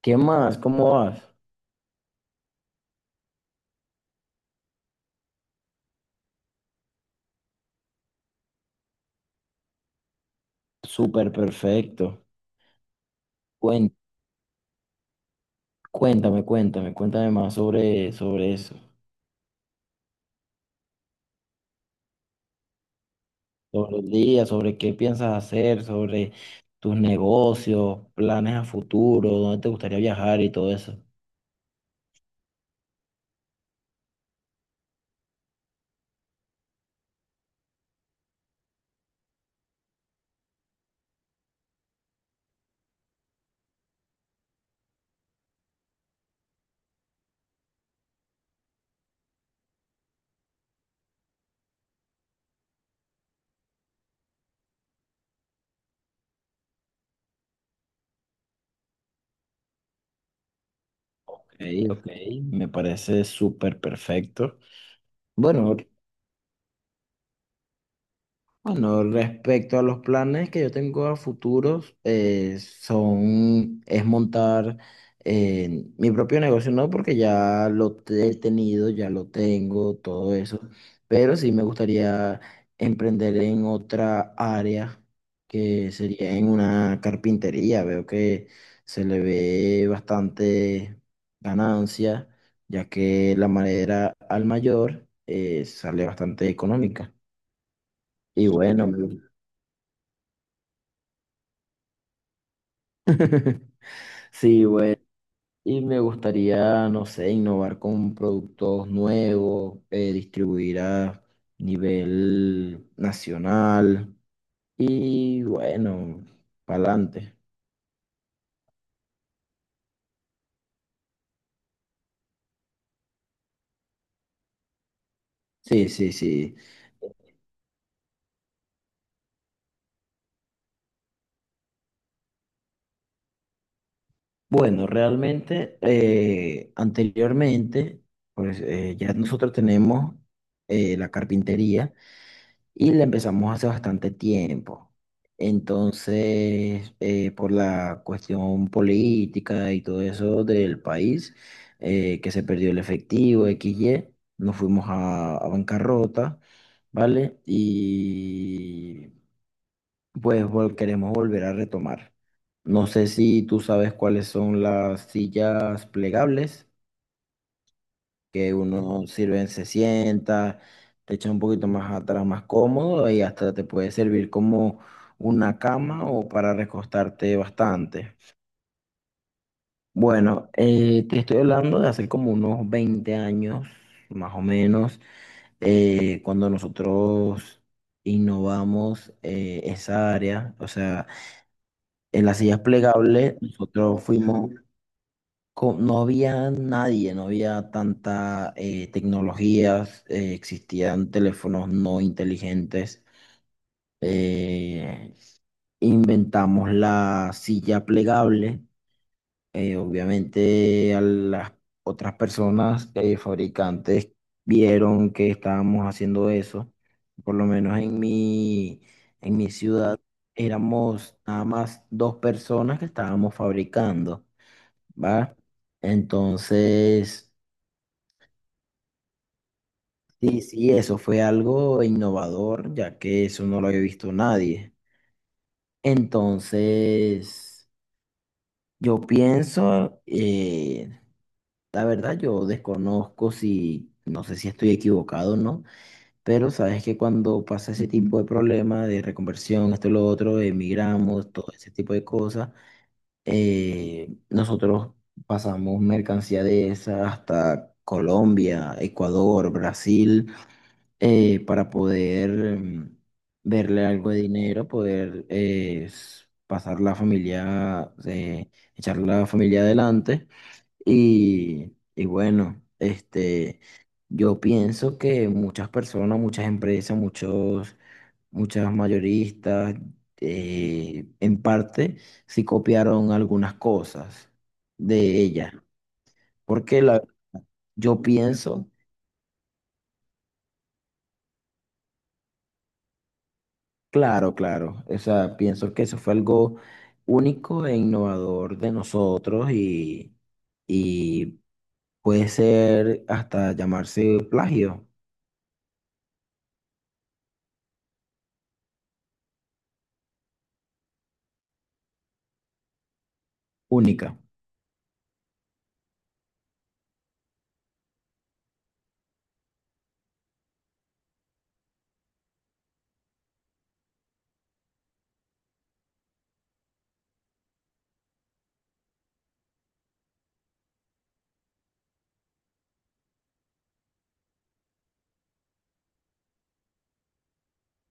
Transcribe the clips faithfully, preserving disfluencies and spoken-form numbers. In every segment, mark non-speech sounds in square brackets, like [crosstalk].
¿Qué más? ¿Cómo vas? Súper perfecto. Cuen- Cuéntame, cuéntame, cuéntame más sobre, sobre eso, sobre el día, sobre qué piensas hacer, sobre tus negocios, planes a futuro, dónde te gustaría viajar y todo eso. Ok, ok, me parece súper perfecto. Bueno, bueno, respecto a los planes que yo tengo a futuros, eh, son, es montar eh, mi propio negocio. No, porque ya lo te- he tenido, ya lo tengo, todo eso, pero sí me gustaría emprender en otra área, que sería en una carpintería. Veo que se le ve bastante ganancia, ya que la madera al mayor eh, sale bastante económica. Y bueno, [laughs] sí, güey. Y me gustaría, no sé, innovar con productos nuevos, eh, distribuir a nivel nacional. Y bueno, para adelante. Sí, sí, sí. Bueno, realmente, eh, anteriormente, pues eh, ya nosotros tenemos eh, la carpintería. Y la empezamos hace bastante tiempo. Entonces, eh, por la cuestión política y todo eso del país, eh, que se perdió el efectivo, x y nos fuimos a, a bancarrota, ¿vale? Y pues vol- queremos volver a retomar. No sé si tú sabes cuáles son las sillas plegables, que uno sirven, se sienta, te echa un poquito más atrás, más cómodo, y hasta te puede servir como una cama o para recostarte bastante. Bueno, eh, te estoy hablando de hace como unos veinte años, más o menos, eh, cuando nosotros innovamos eh, esa área. O sea, en las sillas plegables. nosotros fuimos co- No había nadie, no había tanta eh, tecnologías, eh, existían teléfonos no inteligentes. eh, Inventamos la silla plegable. Eh, obviamente a las otras personas, eh, fabricantes, vieron que estábamos haciendo eso. Por lo menos en mi, en mi ciudad éramos nada más dos personas que estábamos fabricando, ¿va? Entonces, sí, sí, eso fue algo innovador, ya que eso no lo había visto nadie. Entonces, yo pienso, eh, la verdad, yo desconozco si, no sé si estoy equivocado o no, pero sabes que cuando pasa ese tipo de problema de reconversión, esto y lo otro, emigramos, todo ese tipo de cosas, eh, nosotros pasamos mercancía de esa hasta Colombia, Ecuador, Brasil. Eh, para poder mm, verle algo de dinero, poder, eh, s- pasar la familia, eh, echar la familia adelante. Y, y bueno, este, yo pienso que muchas personas, muchas empresas, muchos, muchas mayoristas, eh, en parte, sí copiaron algunas cosas de ella. Porque la, yo pienso. Claro, claro. O sea, pienso que eso fue algo único e innovador de nosotros, y, y puede ser hasta llamarse plagio, única.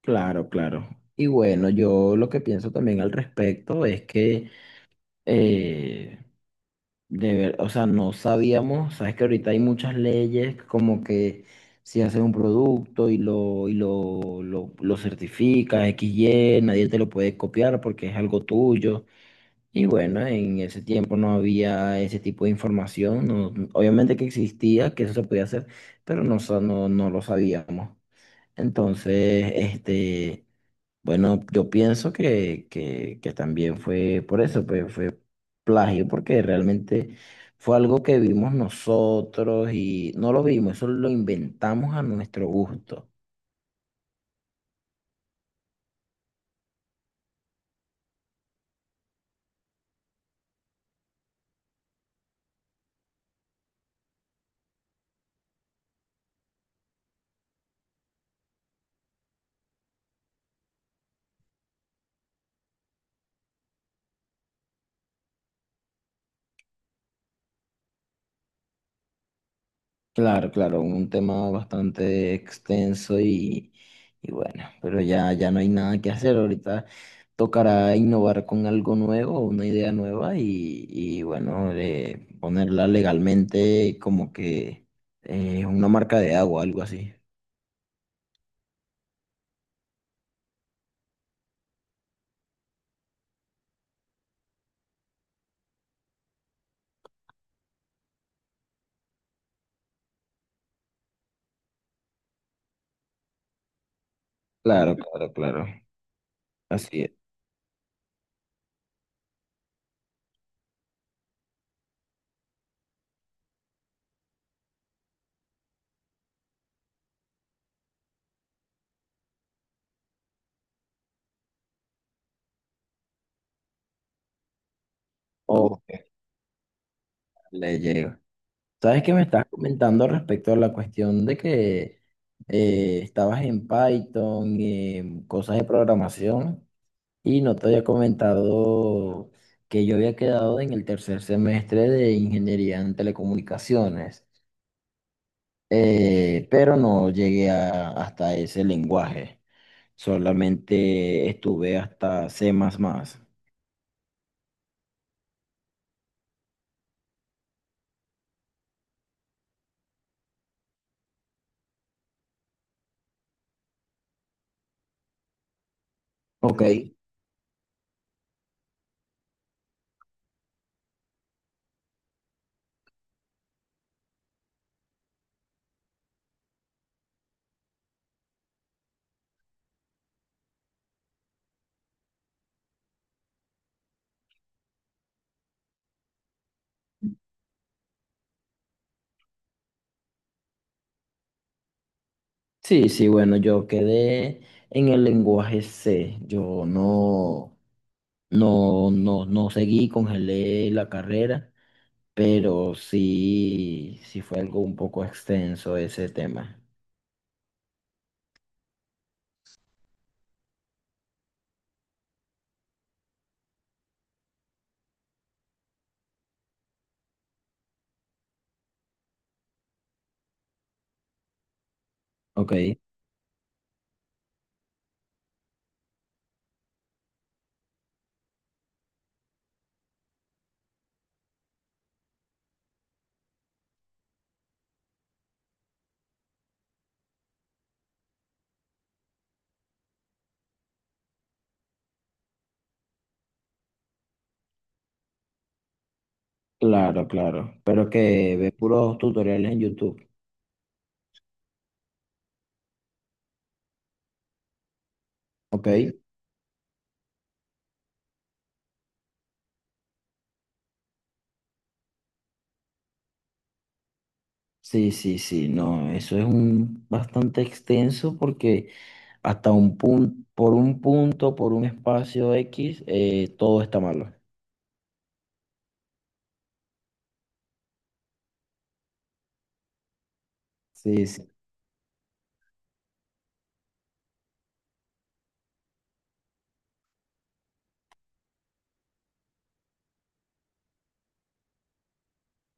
Claro, claro. Y bueno, yo lo que pienso también al respecto es que, eh, de ver, o sea, no sabíamos. Sabes que ahorita hay muchas leyes, como que si haces un producto y lo, y lo, lo, lo certificas, X Y nadie te lo puede copiar porque es algo tuyo. Y bueno, en ese tiempo no había ese tipo de información. No- obviamente que existía, que eso se podía hacer, pero no, sa- no, no lo sabíamos. Entonces, este, bueno, yo pienso que, que, que, también fue por eso, pues fue plagio, porque realmente fue algo que vimos nosotros y no lo vimos, eso lo inventamos a nuestro gusto. Claro, claro, un tema bastante extenso, y, y bueno, pero ya, ya no hay nada que hacer. Ahorita tocará innovar con algo nuevo, una idea nueva, y, y bueno, eh, ponerla legalmente, como que eh, una marca de agua, algo así. Claro, claro, claro. Así es. O que le llega. ¿Sabes qué me estás comentando respecto a la cuestión de que eh, estabas en Python y en cosas de programación? Y no te había comentado que yo había quedado en el tercer semestre de ingeniería en telecomunicaciones, eh, pero no llegué a- hasta ese lenguaje, solamente estuve hasta C++. Ok, sí, sí, bueno, yo quedé en el lenguaje C, yo no, no, no, no seguí, congelé la carrera, pero sí, sí fue algo un poco extenso ese tema. Ok. Claro, claro. Pero que ve puros tutoriales en YouTube. ¿Ok? Sí, sí, sí. No, eso es un bastante extenso porque hasta un punto, por un punto, por un espacio X, eh, todo está malo. Sí, sí.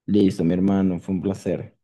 Listo, mi hermano. Fue un placer.